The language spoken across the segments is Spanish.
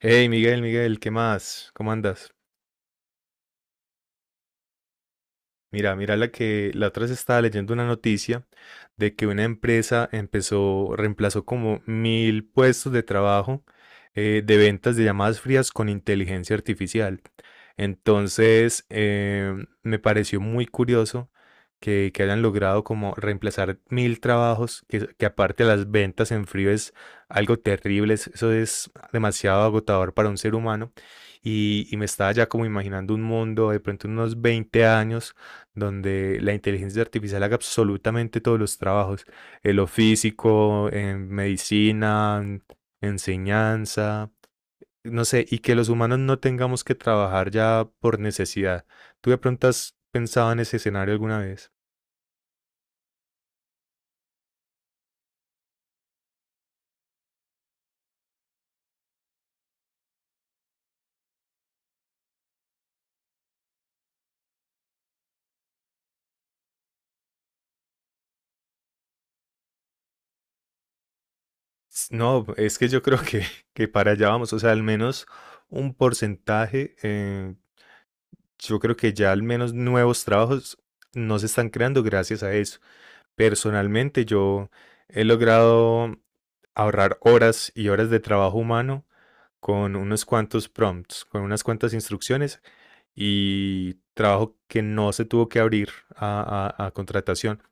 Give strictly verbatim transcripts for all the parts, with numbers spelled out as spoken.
Hey Miguel, Miguel, ¿qué más? ¿Cómo andas? Mira, mira la que la otra vez estaba leyendo una noticia de que una empresa empezó, reemplazó como mil puestos de trabajo eh, de ventas de llamadas frías con inteligencia artificial. Entonces, eh, me pareció muy curioso que, que hayan logrado como reemplazar mil trabajos, que, que aparte las ventas en frío es algo terrible, es- eso es demasiado agotador para un ser humano. Y, y me estaba ya como imaginando un mundo de pronto en unos veinte años donde la inteligencia artificial haga absolutamente todos los trabajos, en lo físico, en medicina, en enseñanza, no sé, y que los humanos no tengamos que trabajar ya por necesidad. ¿Tú de pronto has pensado en ese escenario alguna vez? S- No, es que yo creo que, que para allá vamos, o sea, al menos un porcentaje, eh, yo creo que ya al menos nuevos trabajos no se están creando gracias a eso. Personalmente yo he logrado ahorrar horas y horas de trabajo humano con unos cuantos prompts, con unas cuantas instrucciones y trabajo que no se tuvo que abrir a, a- a contratación.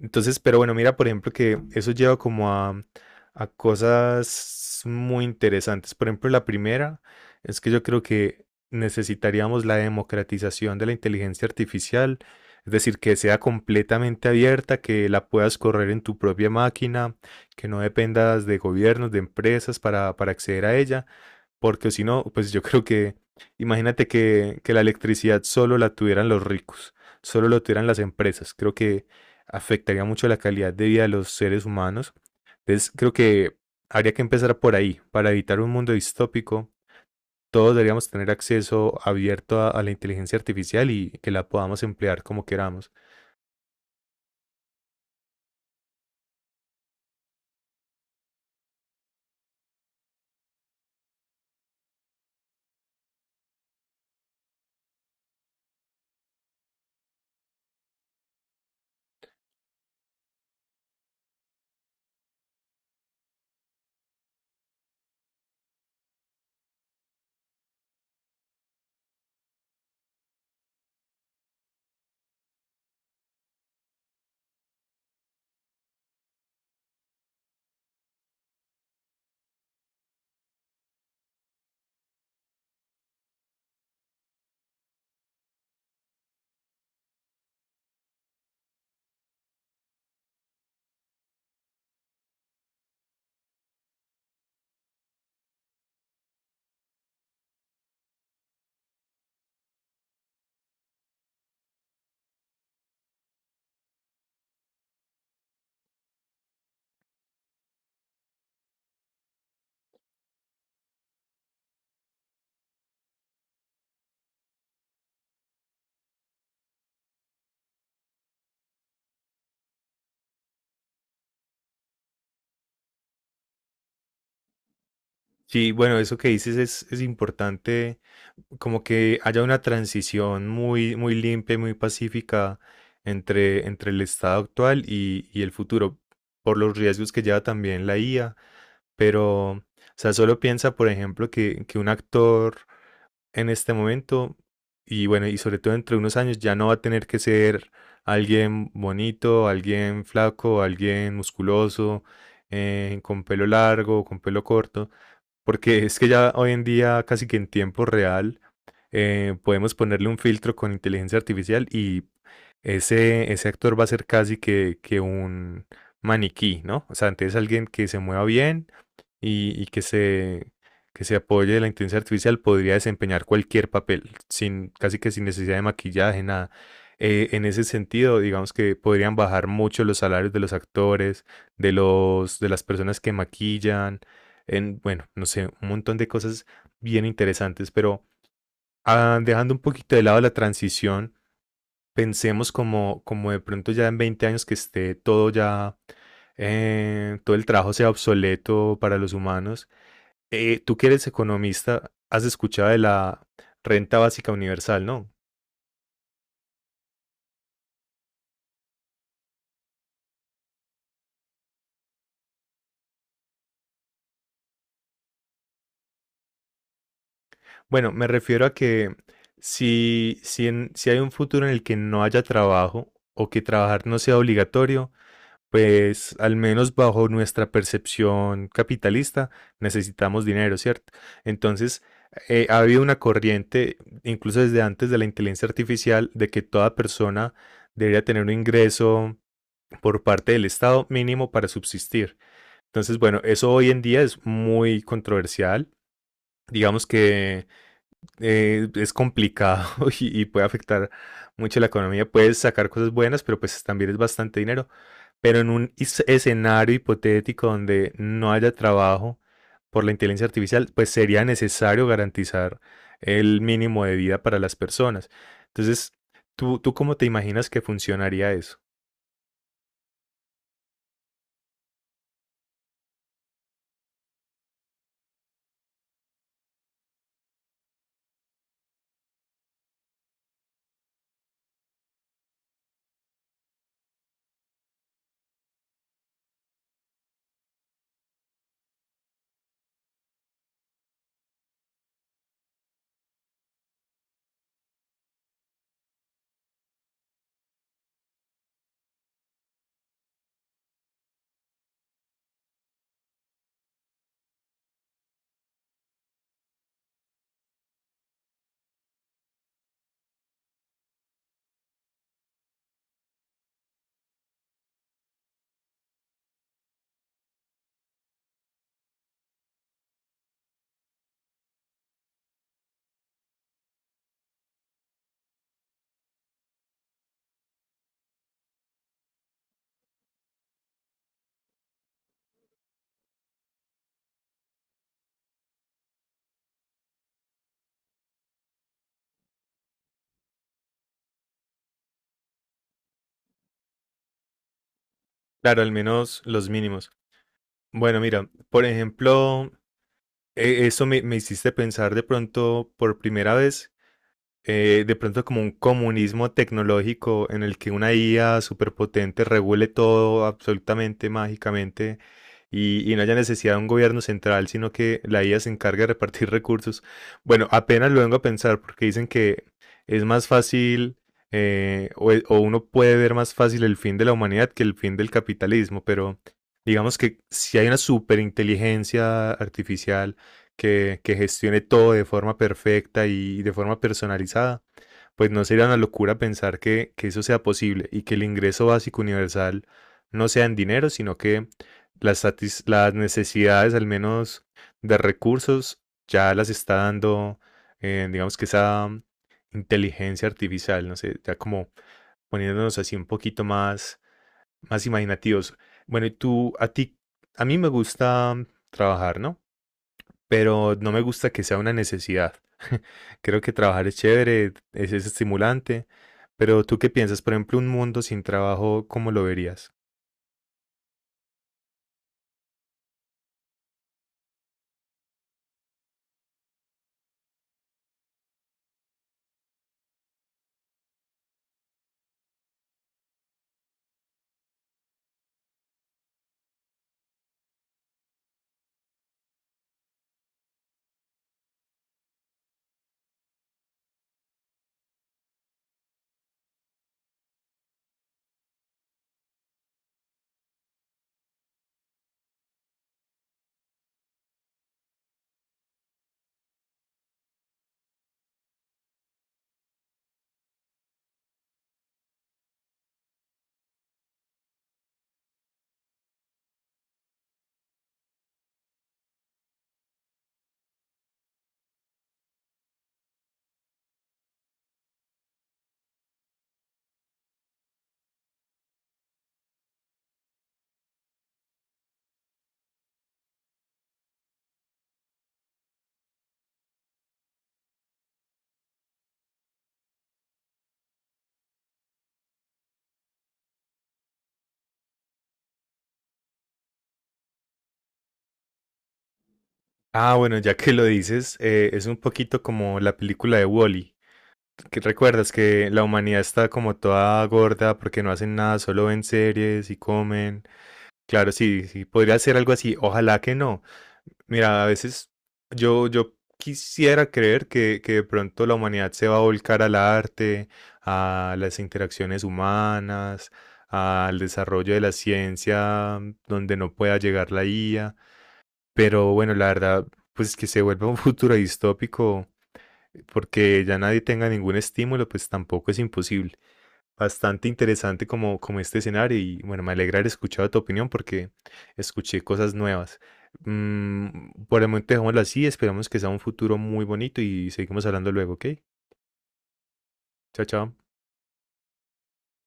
Entonces, pero bueno, mira, por ejemplo, que eso lleva como a, a cosas muy interesantes. Por ejemplo, la primera es que yo creo que necesitaríamos la democratización de la inteligencia artificial, es decir, que sea completamente abierta, que la puedas correr en tu propia máquina, que no dependas de gobiernos, de empresas para, para acceder a ella, porque si no, pues yo creo que, imagínate que, que la electricidad solo la tuvieran los ricos, solo lo tuvieran las empresas. Creo que afectaría mucho la calidad de vida de los seres humanos. Entonces, creo que habría que empezar por ahí, para evitar un mundo distópico. Todos deberíamos tener acceso abierto a, a la inteligencia artificial y que la podamos emplear como queramos. Sí, bueno, eso que dices es, es importante como que haya una transición muy, muy limpia y muy pacífica entre, entre el estado actual y, y el futuro, por los riesgos que lleva también la I A. Pero, o sea, solo piensa, por ejemplo, que, que un actor en este momento, y bueno, y sobre todo entre unos años, ya no va a tener que ser alguien bonito, alguien flaco, alguien musculoso, eh, con pelo largo, con pelo corto, porque es que ya hoy en día, casi que en tiempo real, eh, podemos ponerle un filtro con inteligencia artificial y ese, ese actor va a ser casi que, que un maniquí, ¿no? O sea, entonces alguien que se mueva bien y, y que se, que se apoye de la inteligencia artificial podría desempeñar cualquier papel, sin, casi que sin necesidad de maquillaje, nada. Eh, en ese sentido, digamos que podrían bajar mucho los salarios de los actores, de los, de las personas que maquillan en, bueno, no sé, un montón de cosas bien interesantes, pero ah, dejando un poquito de lado la transición, pensemos como, como de pronto ya en veinte años que esté todo ya, eh, todo el trabajo sea obsoleto para los humanos. Eh, tú que eres economista, has escuchado de la renta básica universal, ¿no? Bueno, me refiero a que si, si, en- si hay un futuro en el que no haya trabajo o que trabajar no sea obligatorio, pues al menos bajo nuestra percepción capitalista, necesitamos dinero, ¿cierto? Entonces, eh, ha habido una corriente, incluso desde antes de la inteligencia artificial, de que toda persona debería tener un ingreso por parte del Estado mínimo para subsistir. Entonces, bueno, eso hoy en día es muy controversial. Digamos que eh, es complicado y, y puede afectar mucho la economía. Puedes sacar cosas buenas, pero pues también es bastante dinero. Pero en un is- escenario hipotético donde no haya trabajo por la inteligencia artificial, pues sería necesario garantizar el mínimo de vida para las personas. Entonces, ¿tú, tú cómo te imaginas que funcionaría eso? Claro, al menos los mínimos. Bueno, mira, por ejemplo, e- eso me, me hiciste pensar de pronto por primera vez eh, de pronto como un comunismo tecnológico en el que una I A superpotente regule todo absolutamente mágicamente y, y no haya necesidad de un gobierno central, sino que la I A se encargue de repartir recursos. Bueno, apenas lo vengo a pensar porque dicen que es más fácil eh, o, e- o uno puede ver más fácil el fin de la humanidad que el fin del capitalismo, pero digamos que si hay una superinteligencia artificial, que, que gestione todo de forma perfecta y de forma personalizada, pues no sería una locura pensar que, que eso sea posible y que el ingreso básico universal no sea en dinero, sino que las, satis- las necesidades, al menos de recursos, ya las está dando, eh, digamos que esa inteligencia artificial, no sé, ya como poniéndonos así un poquito más, más imaginativos. Bueno, y tú, a ti, a mí me gusta trabajar, ¿no? Pero no me gusta que sea una necesidad. Creo que trabajar es chévere, es, es estimulante, pero ¿tú qué piensas? Por ejemplo, un mundo sin trabajo, ¿cómo lo verías? Ah, bueno, ya que lo dices, eh, es un poquito como la película de Wall-E. Que recuerdas que la humanidad está como toda gorda porque no hacen nada, solo ven series y comen. Claro, sí, sí, podría ser algo así. Ojalá que no. Mira, a veces yo, yo quisiera creer que, que de pronto la humanidad se va a volcar al arte, a las interacciones humanas, al desarrollo de la ciencia, mm, donde no pueda llegar la I A. Pero bueno, la verdad, pues que se vuelva un futuro distópico porque ya nadie tenga ningún estímulo, pues tampoco es imposible. Bastante interesante como, como este escenario y bueno, me alegra haber escuchado tu opinión porque escuché cosas nuevas. Mm, por el momento dejémoslo así, esperamos que sea un futuro muy bonito y seguimos hablando luego, ¿ok? Chao, chao.